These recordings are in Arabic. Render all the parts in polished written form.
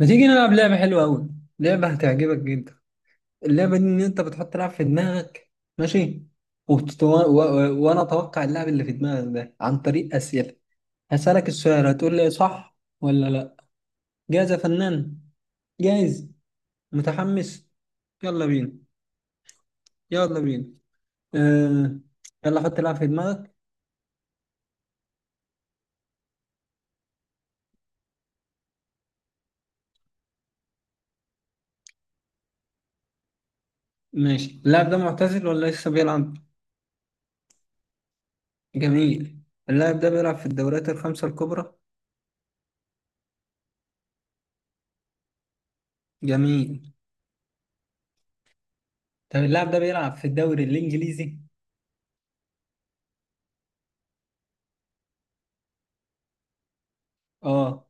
ما تيجي نلعب لعبة حلوة أوي. لعبة هتعجبك جدا. اللعبة دي إن أنت بتحط لعب في دماغك. ماشي. وأنا أتوقع اللعب اللي في دماغك ده عن طريق أسئلة. هسألك السؤال، هتقول لي صح ولا لأ. جاهز يا فنان؟ جاهز. متحمس. يلا بينا. يلا بينا. آه... يلا حط لعب في دماغك. ماشي. اللاعب ده معتزل ولا لسه بيلعب؟ جميل. اللاعب ده بيلعب في الدوريات الخمسة الكبرى. جميل. طب اللاعب ده بيلعب في الدوري الإنجليزي؟ اه.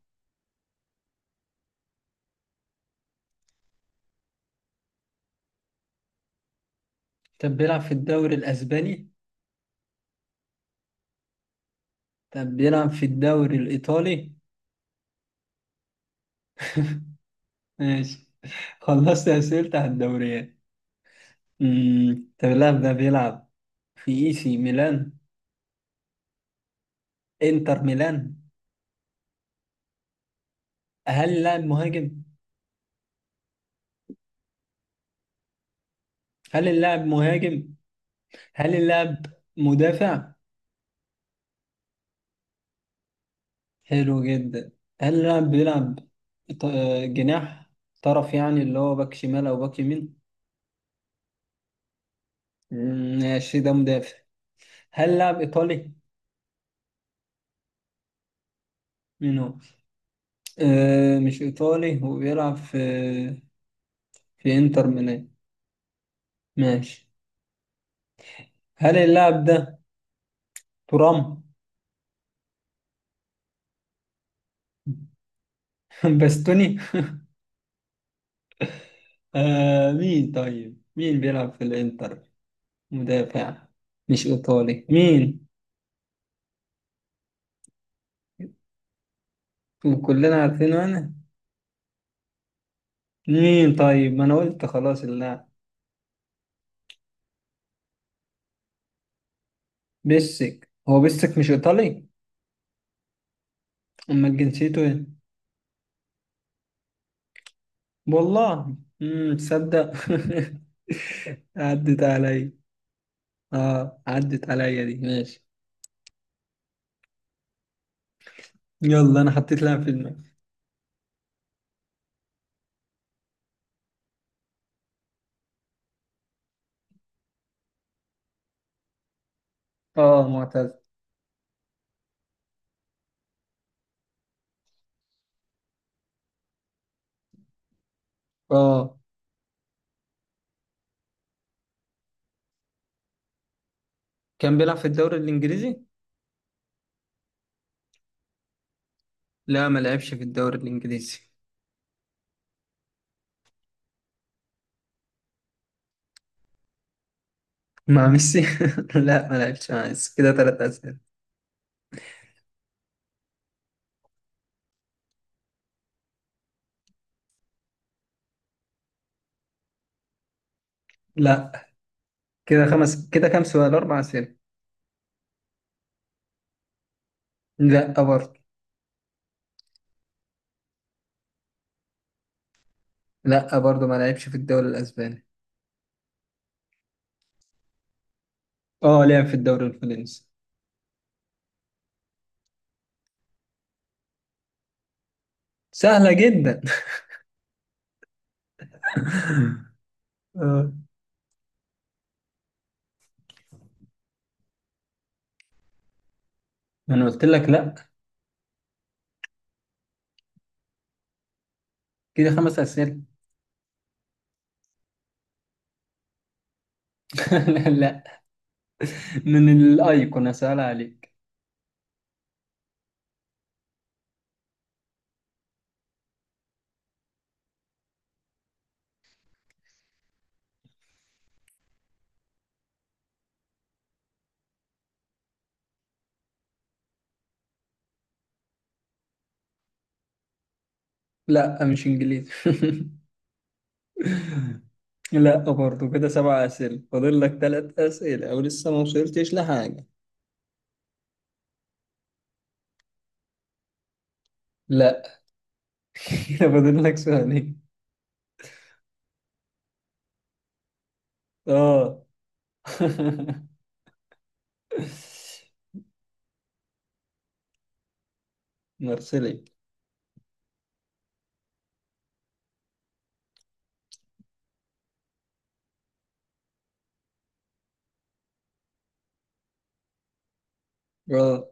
طب بيلعب في الدوري الأسباني؟ طب بيلعب في الدوري الإيطالي؟ ماشي. خلصت أسئلة على الدوريات. طب اللاعب ده بيلعب في إي سي ميلان؟ إنتر ميلان؟ هل اللاعب مهاجم؟ هل اللاعب مهاجم؟ هل اللاعب مدافع؟ حلو جدا. هل اللاعب بيلعب ط- جناح طرف، يعني اللي هو باك شمال أو باك يمين؟ ماشي ده مدافع. هل اللاعب إيطالي؟ مين هو؟ آه، مش إيطالي وبيلعب في إنتر ميلان. ماشي. هل اللاعب ده ترام؟ باستوني؟ آه مين؟ طيب مين بيلعب في الإنتر؟ مدافع، مش إيطالي. مين؟ وكلنا عارفينه، أنا. مين طيب؟ ما أنا قلت خلاص اللاعب بيسك. هو بيسك، مش إيطالي؟ أمال جنسيته إيه؟ والله. تصدق عدت علي. اه، عدت عليا دي. ماشي. يلا، انا حطيت لاعب في دماغي. اه، اه، كان بيلعب في الدوري الانجليزي. لا، ما لعبش في الدوري الانجليزي. مع ميسي؟ لا، ما لعبش مع ميسي. كده 3 اسئله. لا. كده كام سؤال؟ 4 اسئله. لا برضه. لا برضه، ما لعبش في الدوري الاسباني. اه، لعب في الدوري الفرنسي. سهله جدا. اه. انا قلت لك لا. كده 5 اسئله. لا، لا، من الايقونه. سهله عليك. لا، مش انجليزي. لا برضه. كده 7 أسئلة، فاضل لك 3 أسئلة أو لسه ما وصلتش لحاجة. لا. كده فاضل لك سؤالين. اه. مرسلي. اه،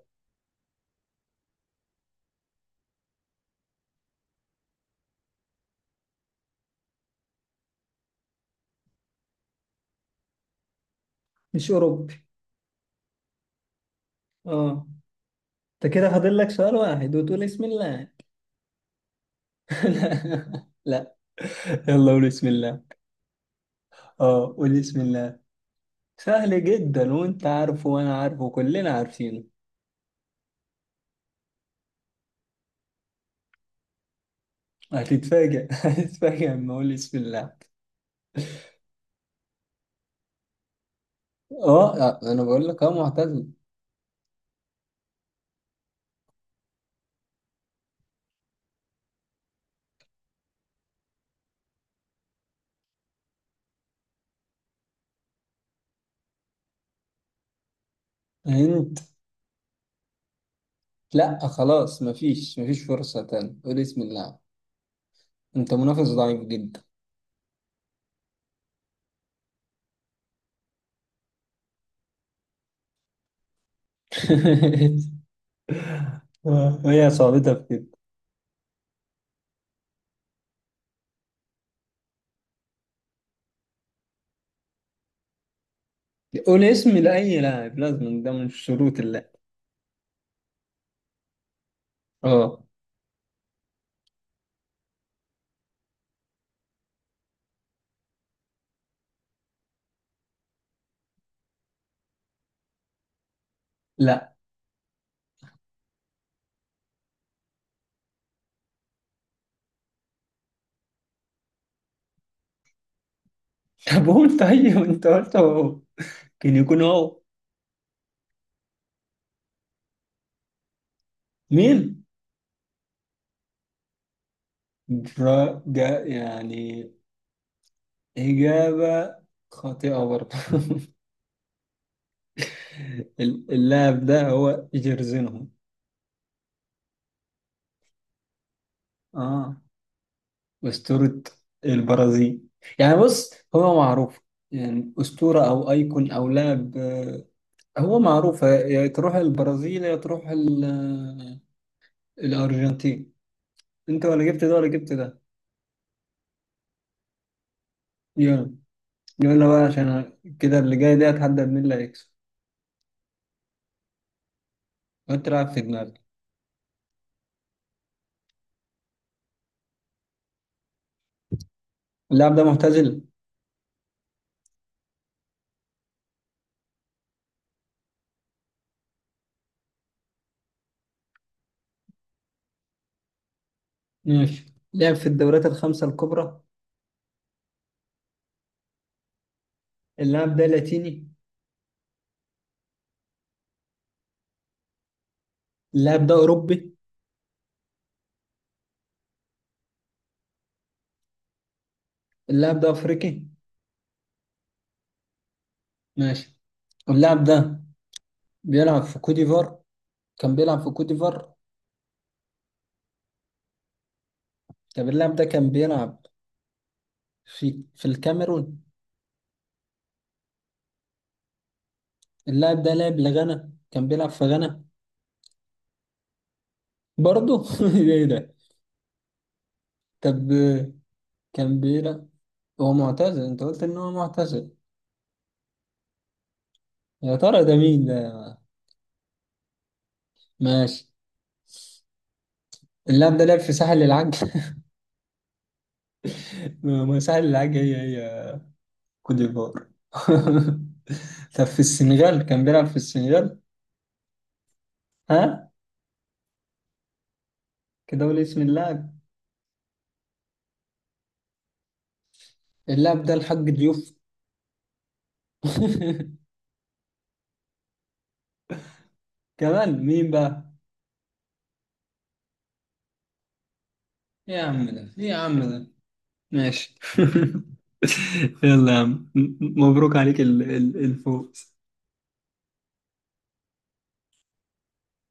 مش أوروبي. اه، انت كده فاضل لك سؤال واحد وتقول اسم الله. لا. لا، يلا قول بسم الله. اه، قول بسم الله. سهل جدا وانت عارفه وانا عارفه، كلنا عارفينه. هتتفاجئ هتتفاجئ لما اقول بسم الله. اه، آه، انا بقول لك اه معتزل. انت، لا خلاص، مفيش فرصة تاني، قول اسم اللاعب. انت منافس ضعيف جدا. هي صعوبتها في كده. قول اسم لأي لاعب، لازم ده من شروط اللعب. اه. لا. طب قول، طيب انت قلت هو كان يكون هو. مين؟ برا جا يعني. إجابة خاطئة برضه. اللاعب ده هو جيرزينهو. اه، أسطورة البرازيل. يعني بص، هو معروف، يعني أسطورة أو أيكون أو لاعب. هو معروف، يا تروح البرازيل يا تروح الأرجنتين. أنت ولا جبت ده ولا جبت ده. يلا. يلا بقى، عشان كده اللي جاي ده هتحدد مين اللي هيكسب. وأنت لاعب في دماغك. اللاعب ده معتزل. ماشي، لعب في الدوريات الخمسة الكبرى. اللاعب ده لاتيني. اللاعب ده أوروبي. اللاعب ده أفريقي. ماشي. اللاعب ده بيلعب في كوت ديفوار؟ كان بيلعب في كوت ديفوار. طب اللاعب ده كان بيلعب في في الكاميرون. اللاعب ده لاعب لغانا؟ كان بيلعب في غانا؟ برضه ايه ده. طب كان بيلعب هو معتزل، انت قلت ان هو معتزل. يا ترى ده مين ده؟ ماشي. اللاعب ده لعب في ساحل العاج. ما ساحل العاج هي كوت ديفوار. طب في السنغال، كان بيلعب في السنغال؟ ها. كده قول اسم اللاعب. اللاعب ده الحاج ضيوف. كمان مين بقى؟ إيه يا عم ده، ايه يا عم ده. ماشي. يلا يا عم، مبروك عليك الفوز.